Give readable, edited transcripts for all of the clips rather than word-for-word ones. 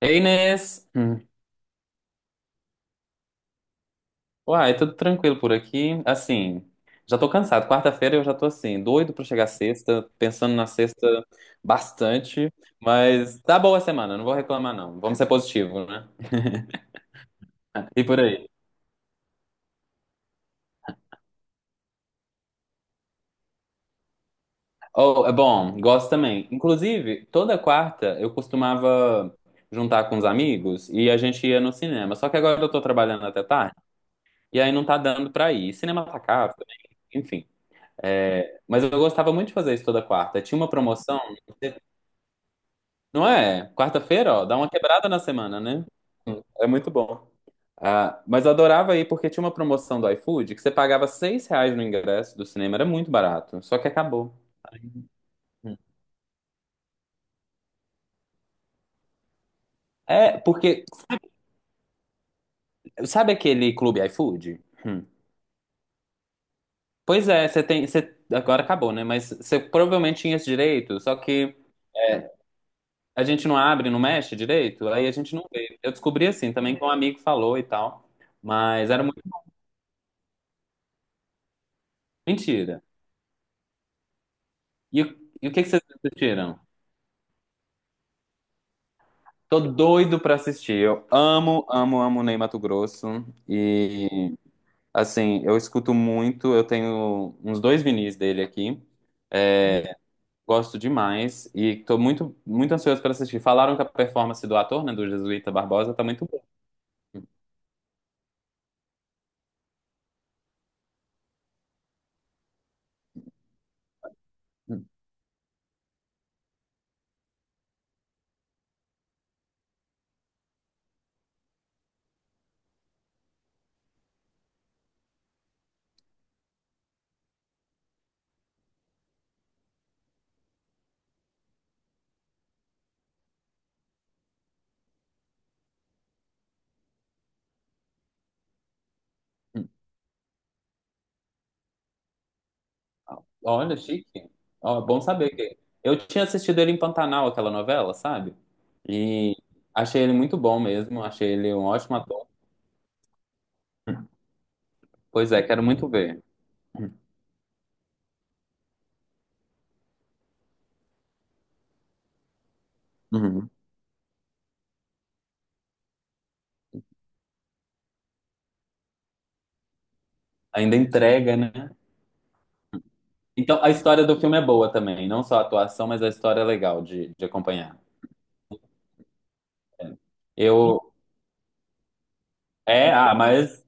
Ei, Inês! Hum. Uai, tudo tranquilo por aqui. Assim, já tô cansado. Quarta-feira eu já tô assim, doido pra chegar sexta, pensando na sexta bastante, mas tá boa a semana, não vou reclamar não. Vamos ser positivo, né? E por aí. Oh, é bom, gosto também. Inclusive, toda quarta eu costumava juntar com os amigos e a gente ia no cinema. Só que agora eu tô trabalhando até tarde e aí não tá dando pra ir. Cinema tá caro também. É, mas eu gostava muito de fazer isso toda quarta. Tinha uma promoção, não é? Quarta-feira, ó, dá uma quebrada na semana, né? É muito bom. Ah, mas eu adorava ir porque tinha uma promoção do iFood que você pagava seis reais no ingresso do cinema, era muito barato, só que acabou. É, porque sabe aquele clube iFood? Hum. Pois é, você tem, você, agora acabou, né? Mas você provavelmente tinha esse direito, só que é, a gente não abre, não mexe direito, aí a gente não vê. Eu descobri assim também que um amigo falou e tal, mas era mentira. E, o- e o que que vocês assistiram? Tô doido pra assistir. Eu amo, amo, amo Ney Matogrosso. E, assim, eu escuto muito. Eu tenho uns dois vinis dele aqui. É, gosto demais. E tô muito, muito ansioso pra assistir. Falaram que a performance do ator, né, do Jesuíta Barbosa, tá muito boa. Olha, chique. Ó, bom saber. Que eu tinha assistido ele em Pantanal, aquela novela, sabe? E achei ele muito bom mesmo, achei ele um ótimo ator. Pois é, quero muito ver. Uhum. Ainda entrega, né? Então, a história do filme é boa também, não só a atuação, mas a história é legal de acompanhar. É. Eu é, ah, mas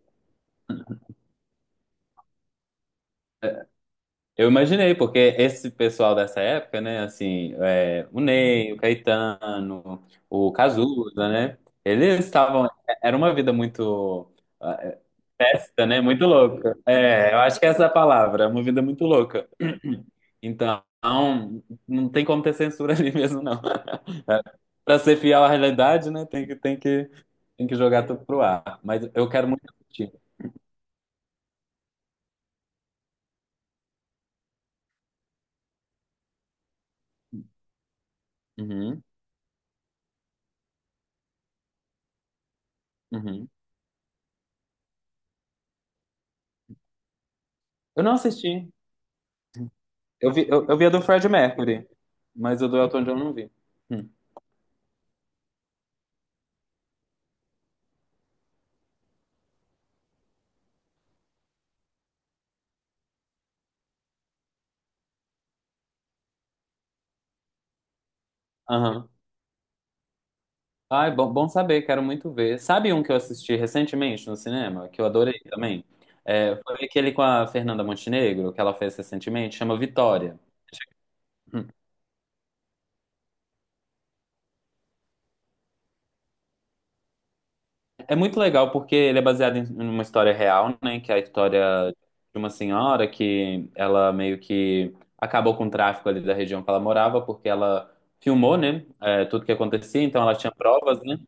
Eu imaginei, porque esse pessoal dessa época, né, assim, é, o Ney, o Caetano, o Cazuza, né, eles estavam, era uma vida muito é, festa, né, muito louca. É, eu acho que essa é a palavra, uma vida muito louca. Então, não tem como ter censura ali mesmo, não. Para ser fiel à realidade, né, tem que jogar tudo pro ar. Mas eu quero muito assistir. Uhum, uhum. Eu não assisti. Eu vi, eu vi a do Fred Mercury, mas o do Elton John eu não vi. Hum. Aham. Ai, bom, bom saber, quero muito ver. Sabe um que eu assisti recentemente no cinema, que eu adorei também? É, foi aquele com a Fernanda Montenegro, que ela fez recentemente, chama Vitória. Hum. É muito legal porque ele é baseado em uma história real, né? Que é a história de uma senhora que ela meio que acabou com o tráfico ali da região que ela morava, porque ela filmou, né? É, tudo que acontecia, então ela tinha provas, né?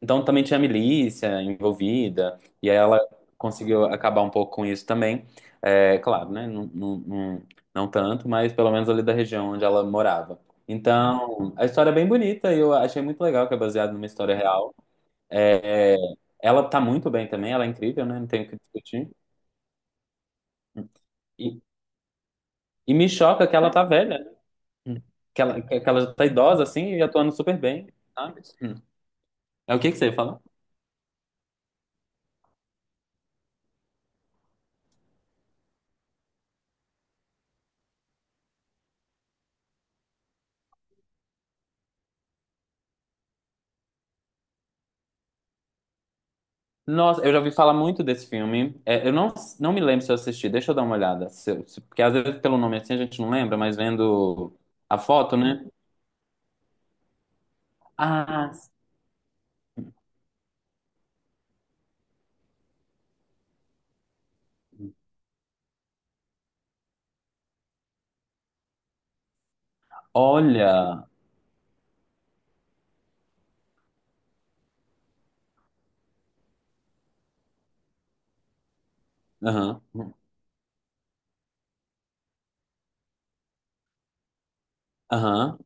Então também tinha milícia envolvida, e aí ela conseguiu acabar um pouco com isso também. É, claro, né? Não, não, não, não tanto, mas pelo menos ali da região onde ela morava. Então, a história é bem bonita e eu achei muito legal que é baseado numa história real. É, é, ela tá muito bem também, ela é incrível, né? Não tenho o que discutir. E, e me choca que ela tá velha, né? Que ela tá idosa assim e atuando super bem, sabe? É, o que que você ia falar? Nossa, eu já ouvi falar muito desse filme. É, eu não, não me lembro se eu assisti, deixa eu dar uma olhada. Se eu- se- porque às vezes pelo nome assim a gente não lembra, mas vendo a foto, né? Ah, olha! Aham, aham.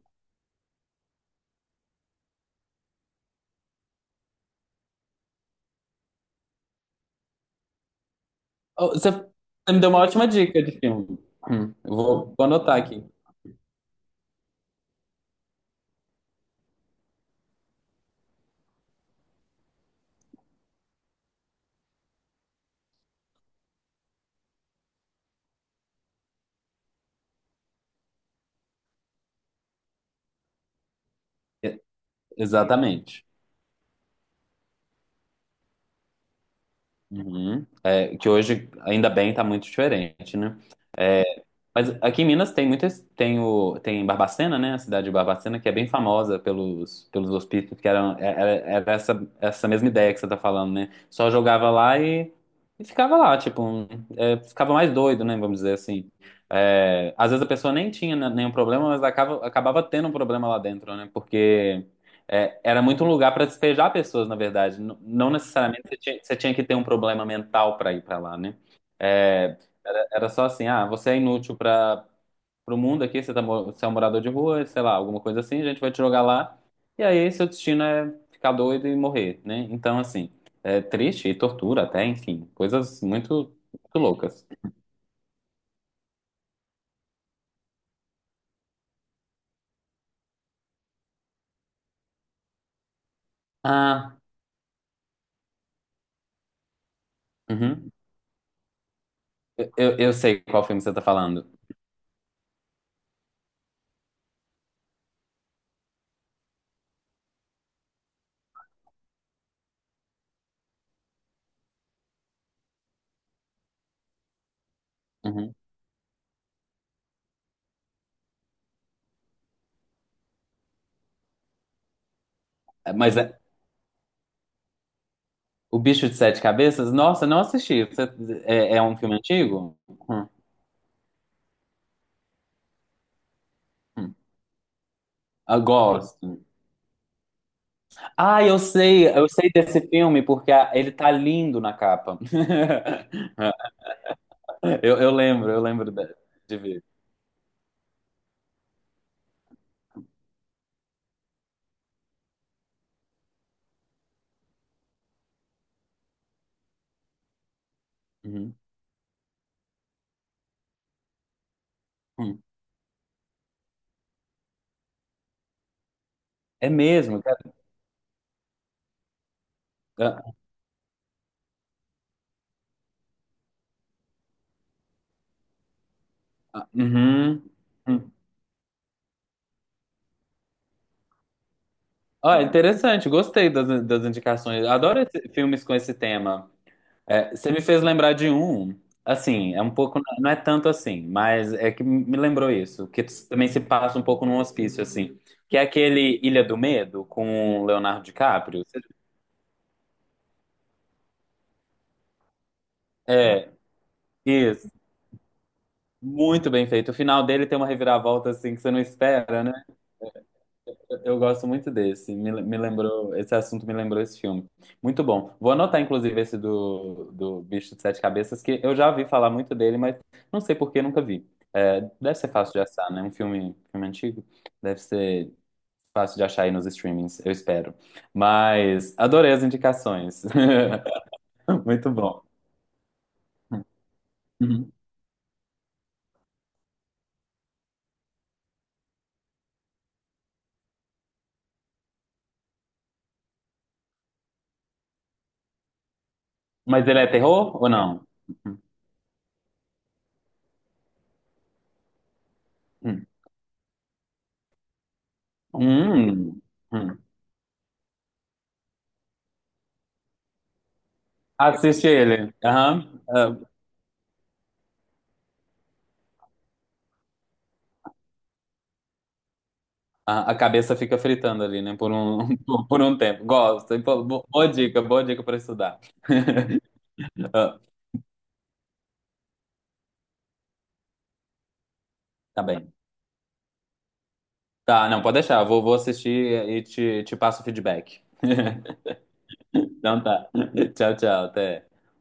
Oh, você, você me deu uma ótima dica de filme. Eu vou, vou anotar aqui. E- exatamente. Uhum. É, que hoje, ainda bem, tá muito diferente, né? Mas aqui em Minas tem muitas, tem o, tem Barbacena, né? A cidade de Barbacena, que é bem famosa pelos, pelos hospícios, que eram, era, era essa, essa mesma ideia que você tá falando, né? Só jogava lá e ficava lá, tipo, um, é, ficava mais doido, né? Vamos dizer assim. É, às vezes a pessoa nem tinha né, nenhum problema, mas acaba, acabava tendo um problema lá dentro, né? Porque é, era muito um lugar para despejar pessoas, na verdade. Não, não necessariamente você tinha que ter um problema mental para ir para lá, né? É, era, era só assim, ah, você é inútil para o mundo aqui, você é um morador de rua, sei lá, alguma coisa assim, a gente vai te jogar lá, e aí seu destino é ficar doido e morrer, né? Então, assim, é triste e tortura até, enfim, coisas muito, muito loucas. Ah, uhum. Eu sei qual filme você tá falando. Uhum. É, mas é, O Bicho de Sete Cabeças, nossa, não assisti. Você- é, é um filme antigo? Hum, hum. Eu gosto. Ah, eu sei desse filme porque a- ele tá lindo na capa. Eu lembro de ver. Uhum. Hum. É mesmo, cara. Ah, ah, uhum. Hum. Ó, interessante, gostei das, das indicações. Adoro esse- filmes com esse tema. É, você me fez lembrar de um, assim, é um pouco, não é tanto assim, mas é que me lembrou isso, que também se passa um pouco num hospício, assim, que é aquele Ilha do Medo com o Leonardo DiCaprio. É, isso. Muito bem feito. O final dele tem uma reviravolta assim que você não espera, né? Eu gosto muito desse. Me lembrou, esse assunto me lembrou esse filme. Muito bom. Vou anotar, inclusive, esse do Bicho de Sete Cabeças, que eu já ouvi falar muito dele, mas não sei por que nunca vi. É, deve ser fácil de achar, né? Um filme, filme antigo. Deve ser fácil de achar aí nos streamings, eu espero. Mas adorei as indicações. Muito bom. Uhum. Mas ele é terror ou não? Uhum. Hum. Hum. Assiste ele. Aham. Ah, a cabeça fica fritando ali, né? Por um, por um tempo. Gosto. Boa dica para estudar. Ah, tá bem. Tá, não, pode deixar. Vou, vou assistir e te passo o feedback. Então tá. Tchau, tchau. Até.